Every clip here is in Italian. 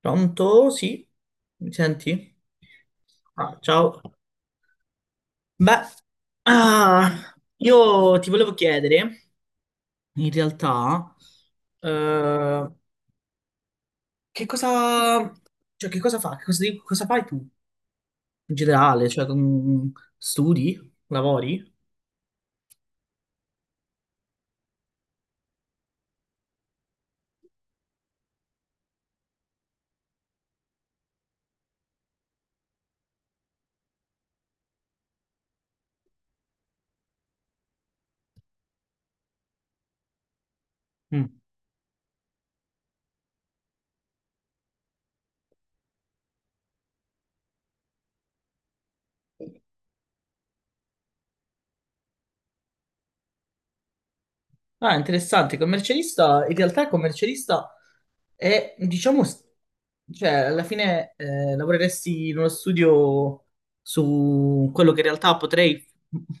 Pronto? Sì, mi senti? Ciao. Beh, io ti volevo chiedere, in realtà, eh, che cosa, cioè, che cosa fa, che cosa, cosa fai tu in generale? Cioè, studi? Lavori? Mm. Ah, interessante. Commercialista, in realtà il commercialista è, diciamo, cioè alla fine lavoreresti in uno studio su quello che in realtà potrei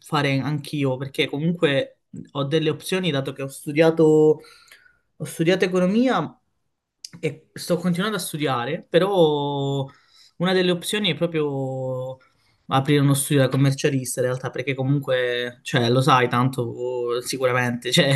fare anch'io, perché comunque ho delle opzioni, dato che ho studiato economia e sto continuando a studiare, però una delle opzioni è proprio aprire uno studio da commercialista in realtà, perché comunque, cioè, lo sai tanto sicuramente, cioè,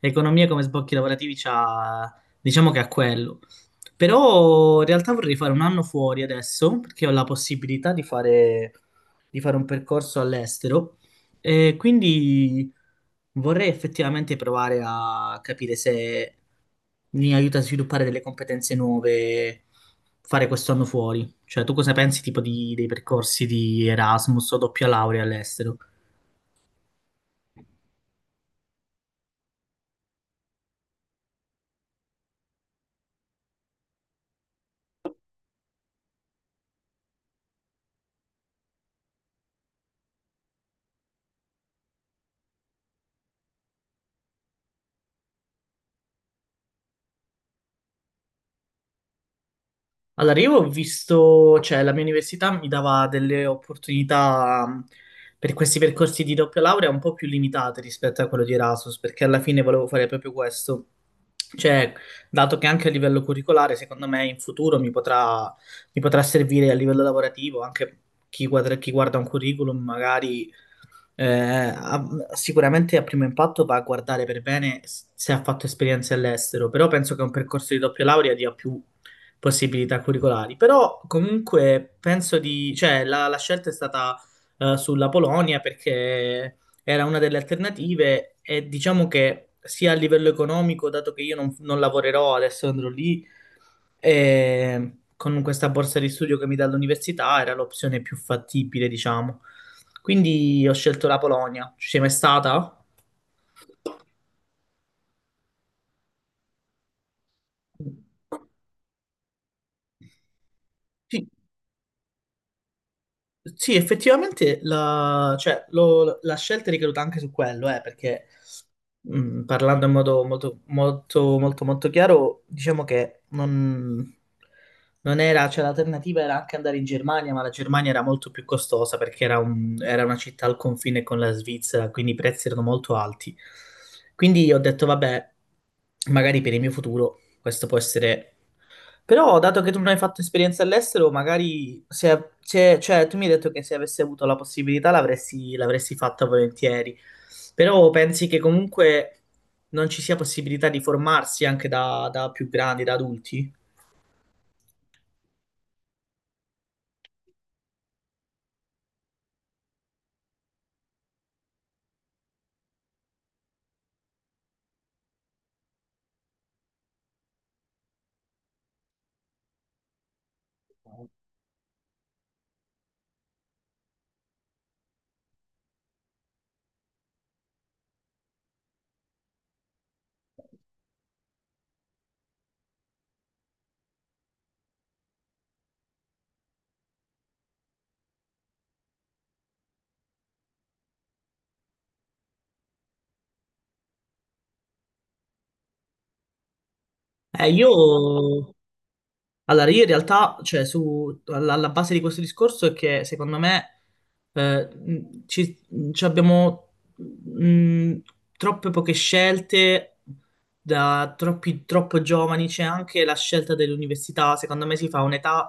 l'economia come sbocchi lavorativi c'ha, diciamo che ha quello. Però in realtà vorrei fare un anno fuori adesso, perché ho la possibilità di fare un percorso all'estero. E quindi vorrei effettivamente provare a capire se mi aiuta a sviluppare delle competenze nuove fare questo anno fuori. Cioè, tu cosa pensi tipo dei percorsi di Erasmus o doppia laurea all'estero? Allora, io ho visto, cioè la mia università mi dava delle opportunità per questi percorsi di doppia laurea un po' più limitate rispetto a quello di Erasmus, perché alla fine volevo fare proprio questo. Cioè, dato che anche a livello curricolare, secondo me in futuro mi potrà servire a livello lavorativo, anche chi guarda un curriculum magari eh, a- sicuramente a primo impatto va a guardare per bene se ha fatto esperienze all'estero, però penso che un percorso di doppia laurea dia più possibilità curricolari. Però comunque penso di, cioè la scelta è stata sulla Polonia perché era una delle alternative e diciamo che sia a livello economico, dato che io non lavorerò adesso andrò lì, e con questa borsa di studio che mi dà l'università era l'opzione più fattibile, diciamo. Quindi ho scelto la Polonia. Ci sei mai stata? Sì, sì, effettivamente la, cioè, la scelta è ricaduta anche su quello, perché mm, parlando in modo molto, molto, molto, molto chiaro, diciamo che non era, cioè l'alternativa era anche andare in Germania, ma la Germania era molto più costosa perché era, era una città al confine con la Svizzera, quindi i prezzi erano molto alti. Quindi ho detto, vabbè, magari per il mio futuro questo può essere però, dato che tu non hai fatto esperienza all'estero, magari se, cioè, tu mi hai detto che se avessi avuto la possibilità l'avresti l'avresti fatta volentieri. Però pensi che comunque non ci sia possibilità di formarsi anche da, da più grandi, da adulti? Io Allora, io in realtà, cioè, su, alla base di questo discorso è che secondo me eh, mh, ci, ci abbiamo mh, troppe poche scelte da troppo giovani. C'è anche la scelta dell'università. Secondo me si fa un'età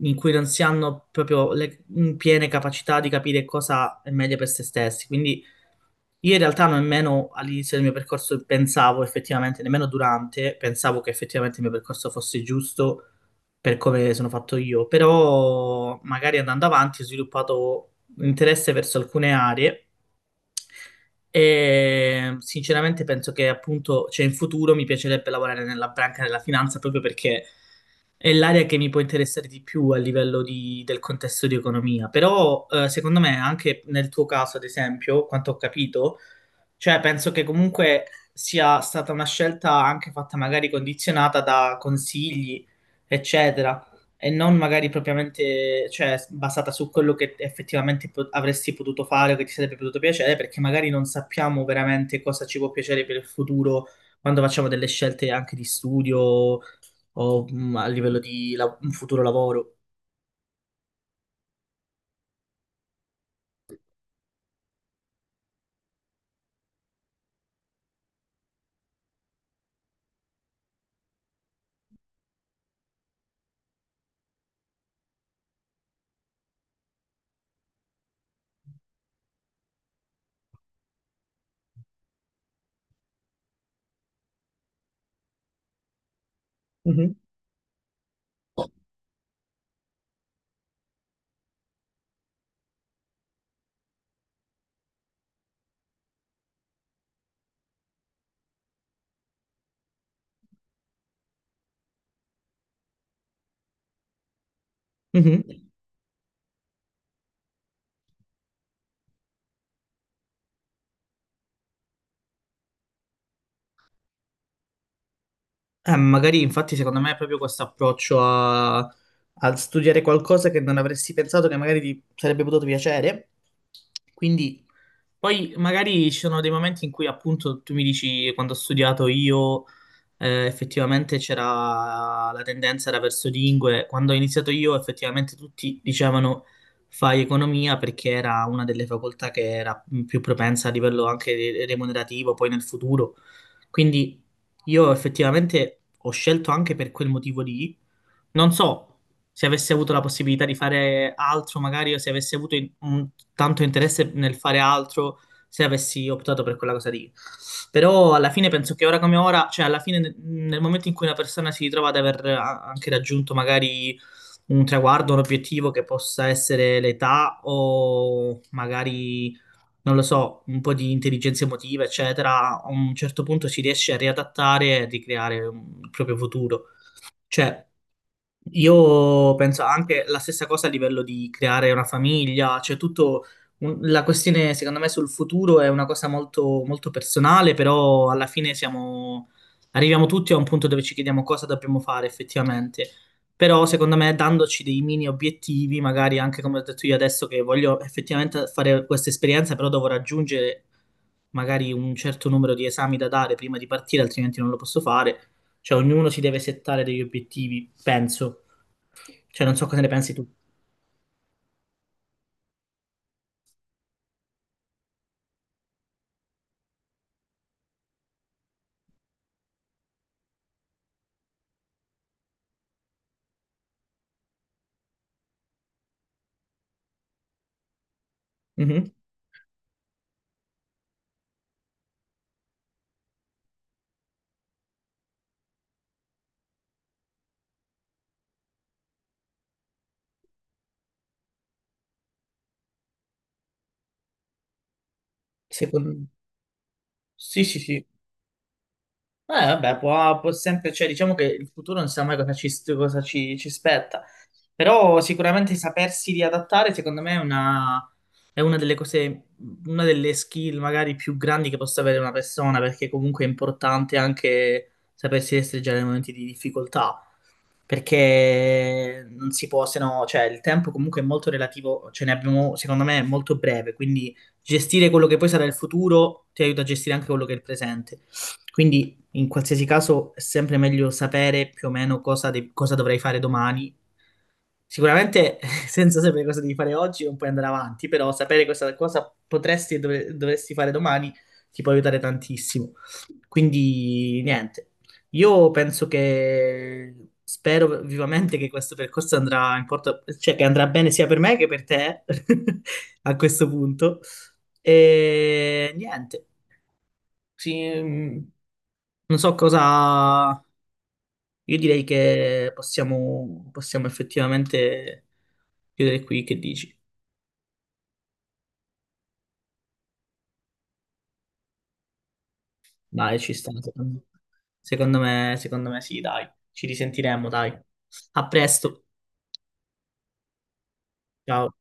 in cui non si hanno proprio le piene capacità di capire cosa è meglio per se stessi. Quindi io in realtà nemmeno all'inizio del mio percorso pensavo effettivamente, nemmeno durante, pensavo che effettivamente il mio percorso fosse giusto per come sono fatto io, però magari andando avanti ho sviluppato un interesse verso alcune aree e sinceramente penso che appunto, cioè in futuro mi piacerebbe lavorare nella branca della finanza proprio perché è l'area che mi può interessare di più a livello del contesto di economia, però secondo me anche nel tuo caso, ad esempio, quanto ho capito, cioè penso che comunque sia stata una scelta anche fatta magari condizionata da consigli eccetera, e non magari propriamente, cioè, basata su quello che effettivamente avresti potuto fare o che ti sarebbe potuto piacere, perché magari non sappiamo veramente cosa ci può piacere per il futuro quando facciamo delle scelte anche di studio o mm, a livello di un futuro lavoro. Mhm. Mhm. Magari infatti secondo me è proprio questo approccio a, a studiare qualcosa che non avresti pensato che magari ti sarebbe potuto piacere, quindi poi magari ci sono dei momenti in cui appunto tu mi dici quando ho studiato io effettivamente c'era la tendenza era verso lingue, quando ho iniziato io effettivamente tutti dicevano fai economia perché era una delle facoltà che era più propensa a livello anche remunerativo poi nel futuro. Quindi io effettivamente ho scelto anche per quel motivo lì. Non so se avessi avuto la possibilità di fare altro magari o se avessi avuto tanto interesse nel fare altro se avessi optato per quella cosa lì. Però alla fine penso che ora come ora, cioè alla fine nel nel momento in cui una persona si ritrova ad anche raggiunto magari un traguardo, un obiettivo che possa essere l'età o magari, non lo so, un po' di intelligenza emotiva, eccetera, a un certo punto si riesce a riadattare e a ricreare il proprio futuro. Cioè, io penso anche la stessa cosa a livello di creare una famiglia, cioè tutto la questione secondo me sul futuro è una cosa molto, molto personale, però alla fine siamo, arriviamo tutti a un punto dove ci chiediamo cosa dobbiamo fare effettivamente. Però secondo me dandoci dei mini obiettivi, magari anche come ho detto io adesso che voglio effettivamente fare questa esperienza, però devo raggiungere magari un certo numero di esami da dare prima di partire, altrimenti non lo posso fare. Cioè ognuno si deve settare degli obiettivi, penso. Cioè, non so cosa ne pensi tu. Mhm. Secondo... Sì, sì, sì. Vabbè, può, può sempre, cioè, diciamo che il futuro non sa mai cosa ci, cosa ci ci aspetta. Però sicuramente sapersi riadattare, secondo me, è una delle cose, una delle skill magari più grandi che possa avere una persona, perché comunque è importante anche sapersi restringere nei momenti di difficoltà, perché non si può, se no, cioè il tempo comunque è molto relativo, ce ne abbiamo, secondo me, molto breve, quindi gestire quello che poi sarà il futuro ti aiuta a gestire anche quello che è il presente. Quindi, in qualsiasi caso, è sempre meglio sapere più o meno cosa, cosa dovrai fare domani. Sicuramente, senza sapere cosa devi fare oggi, non puoi andare avanti, però sapere cosa, cosa potresti e dovresti fare domani ti può aiutare tantissimo. Quindi, niente. Io penso che spero vivamente che questo percorso andrà in porto, cioè che andrà bene sia per me che per te a questo punto. E niente. Sì, mm, non so cosa io direi che possiamo, possiamo effettivamente chiudere qui, che dici? Dai, ci sta. Secondo secondo me sì, dai. Ci risentiremo, dai. A presto. Ciao.